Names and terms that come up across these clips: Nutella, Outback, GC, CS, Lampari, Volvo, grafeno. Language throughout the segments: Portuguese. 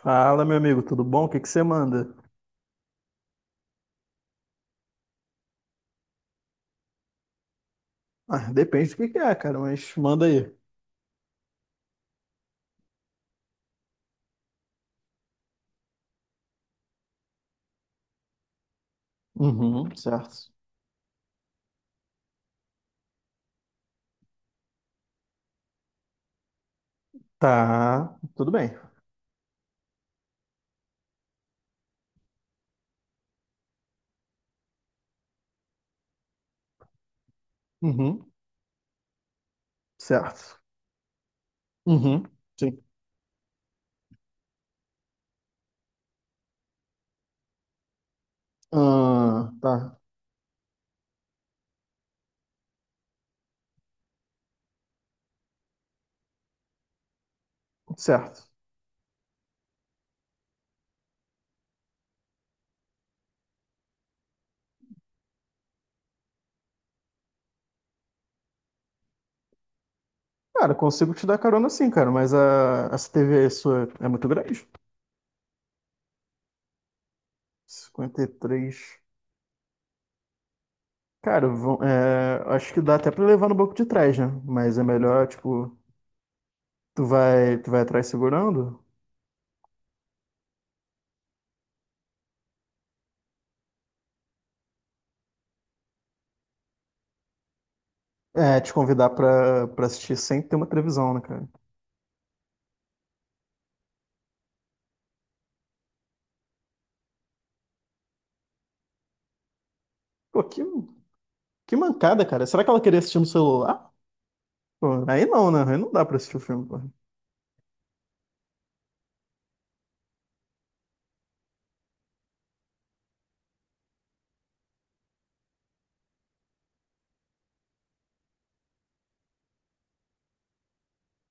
Fala, meu amigo, tudo bom? O que que você manda? Ah, depende do que é, cara, mas manda aí. Uhum, certo. Tá, tudo bem. Uhum, certo. Uhum, sim. Ah, tá. Certo. Cara, consigo te dar carona sim, cara, mas a, essa TV aí sua é muito grande. Cinquenta e três? Cara, vão, é, acho que dá até pra levar no banco de trás, né? Mas é melhor, tipo, tu vai atrás segurando? É, te convidar pra assistir sem ter uma televisão, né, cara? Pô, que. Que mancada, cara. Será que ela queria assistir no celular? Ah. Pô, aí não, né? Aí não dá pra assistir o filme, pô.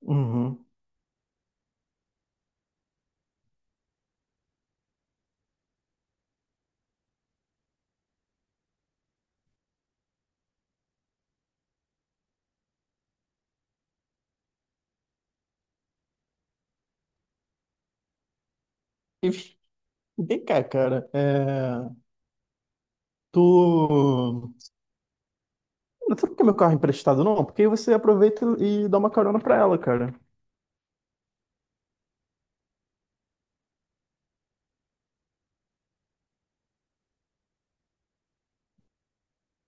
Uhum. E vem cá, cara. É... Tu. Não sei por que meu carro é emprestado, não. Porque aí você aproveita e dá uma carona pra ela, cara.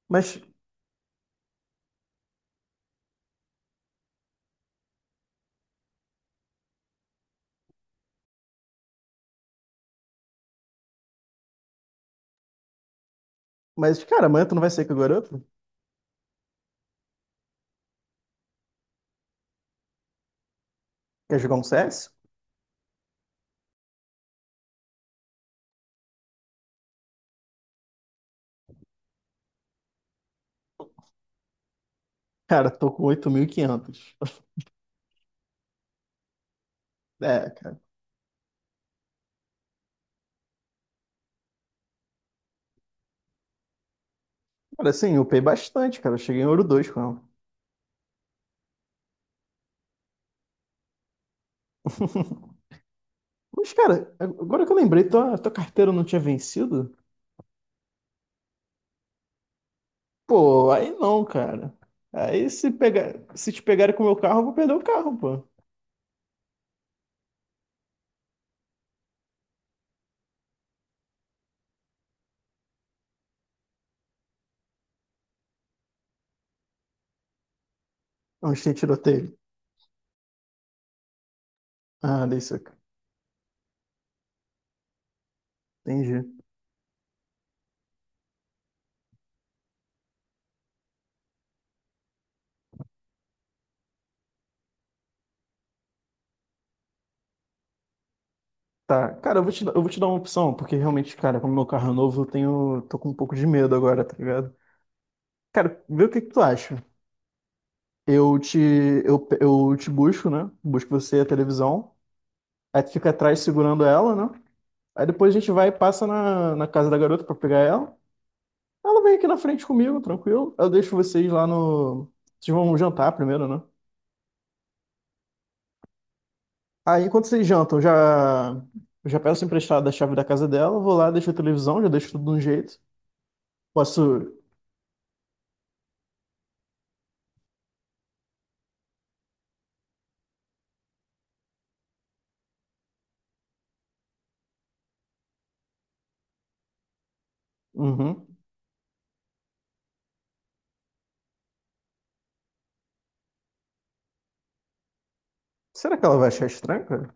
Mas, mas cara, amanhã tu não vai sair com a garota? Quer jogar um CS? Cara, tô com 8.500. É, cara. Cara, assim, eu upei bastante, cara. Eu cheguei em ouro 2, com ela. Mas, cara, agora que eu lembrei, tua carteira não tinha vencido? Pô, aí não, cara. Aí se pegar, se te pegarem com o meu carro, eu vou perder o carro, pô. Onde tem tiroteio? Ah, dei soco. Entendi. Tá, cara, eu vou te dar uma opção, porque realmente, cara, como meu carro é novo, tô com um pouco de medo agora, tá ligado? Cara, vê o que que tu acha. Eu te, eu te busco, né? Busco você e a televisão. Aí tu fica atrás segurando ela, né? Aí depois a gente vai e passa na casa da garota pra pegar ela. Ela vem aqui na frente comigo, tranquilo. Eu deixo vocês lá no. Vocês vão jantar primeiro, né? Aí, enquanto vocês jantam, já peço emprestado a chave da casa dela, vou lá, deixo a televisão, já deixo tudo de um jeito. Posso. Uhum. Será que ela vai achar estranho, cara?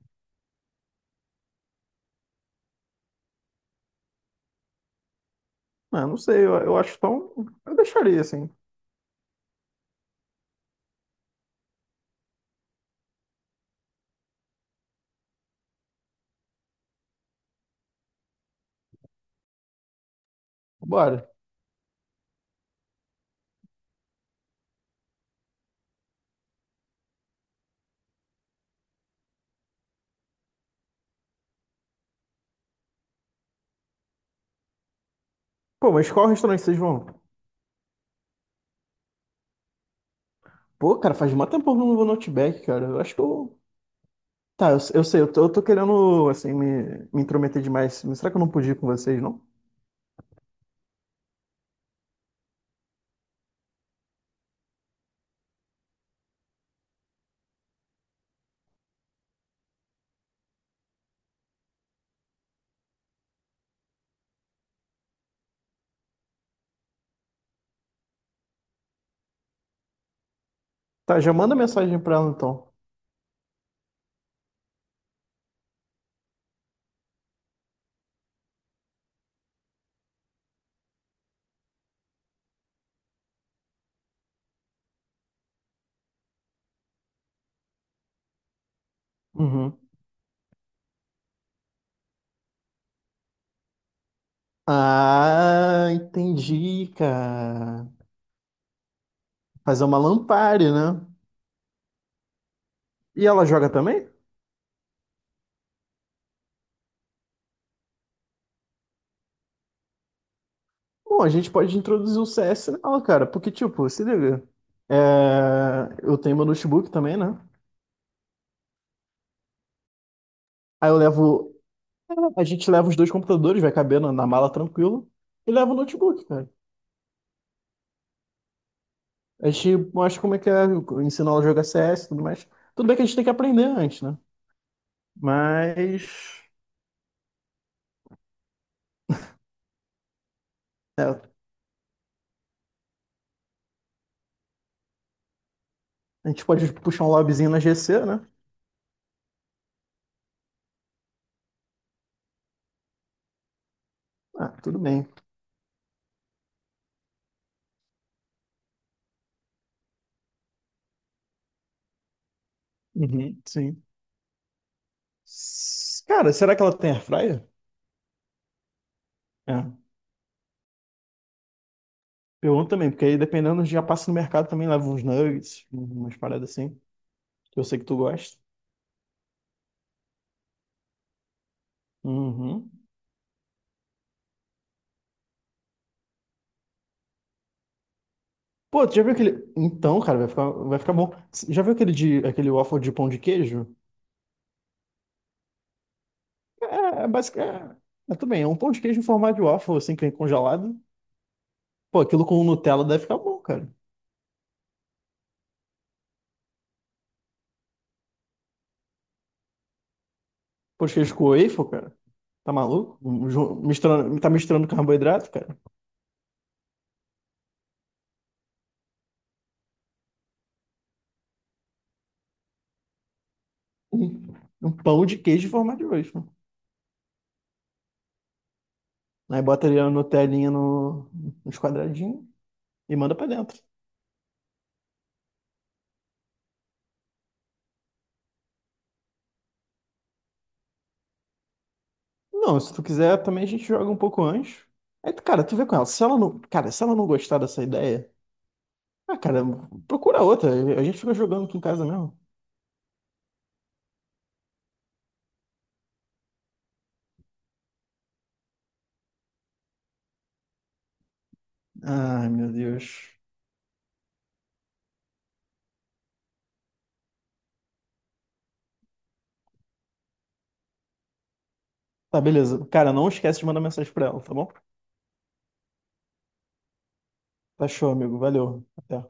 Ah, não sei, eu acho tão. Eu deixaria assim. Bora. Pô, mas qual restaurante vocês vão? Pô, cara, faz mó tempo que eu não vou no Outback, cara. Eu acho que eu. Tá, eu sei, eu tô querendo, assim, me intrometer demais. Mas será que eu não podia ir com vocês, não? Tá, já manda mensagem pra ela então. Uhum. Ah, entendi, cara. Fazer uma Lampari, né? E ela joga também? Bom, a gente pode introduzir o CS nela, cara. Porque, tipo, se liga. É, eu tenho meu notebook também, né? Aí eu levo. A gente leva os dois computadores, vai caber na mala tranquilo. E leva o notebook, cara. A gente mostra como é que é, ensina ela a jogar CS e tudo mais. Tudo bem que a gente tem que aprender antes, né? Mas. É, a gente pode puxar um lobbyzinho na GC, né? Ah, tudo bem. Uhum, sim. S- Cara, será que ela tem airfryer? É. Pergunto também, porque aí dependendo, já passa no mercado também, leva uns nuggets, umas paradas assim, que eu sei que tu gosta. Uhum. Pô, tu já viu aquele. Então, cara, vai ficar bom. Já viu aquele, de, aquele waffle de pão de queijo? É, é basicamente. É, é tudo bem, é um pão de queijo em formato de waffle, assim, que vem congelado. Pô, aquilo com Nutella deve ficar bom, cara. Pão de queijo com waffle, cara. Tá maluco? Um- ju- Misturando, tá misturando carboidrato, cara? Um, um pão de queijo em formato de waffle. Aí bota ali a Nutellinha no, nos quadradinhos e manda pra dentro. Não, se tu quiser, também a gente joga um pouco antes. Aí, tu- cara, tu vê com ela. Se ela não, cara, se ela não gostar dessa ideia, ah, cara, procura outra. A gente fica jogando aqui em casa mesmo. Ai, meu Deus. Tá, beleza. Cara, não esquece de mandar mensagem pra ela, tá bom? Tá show, amigo. Valeu. Até.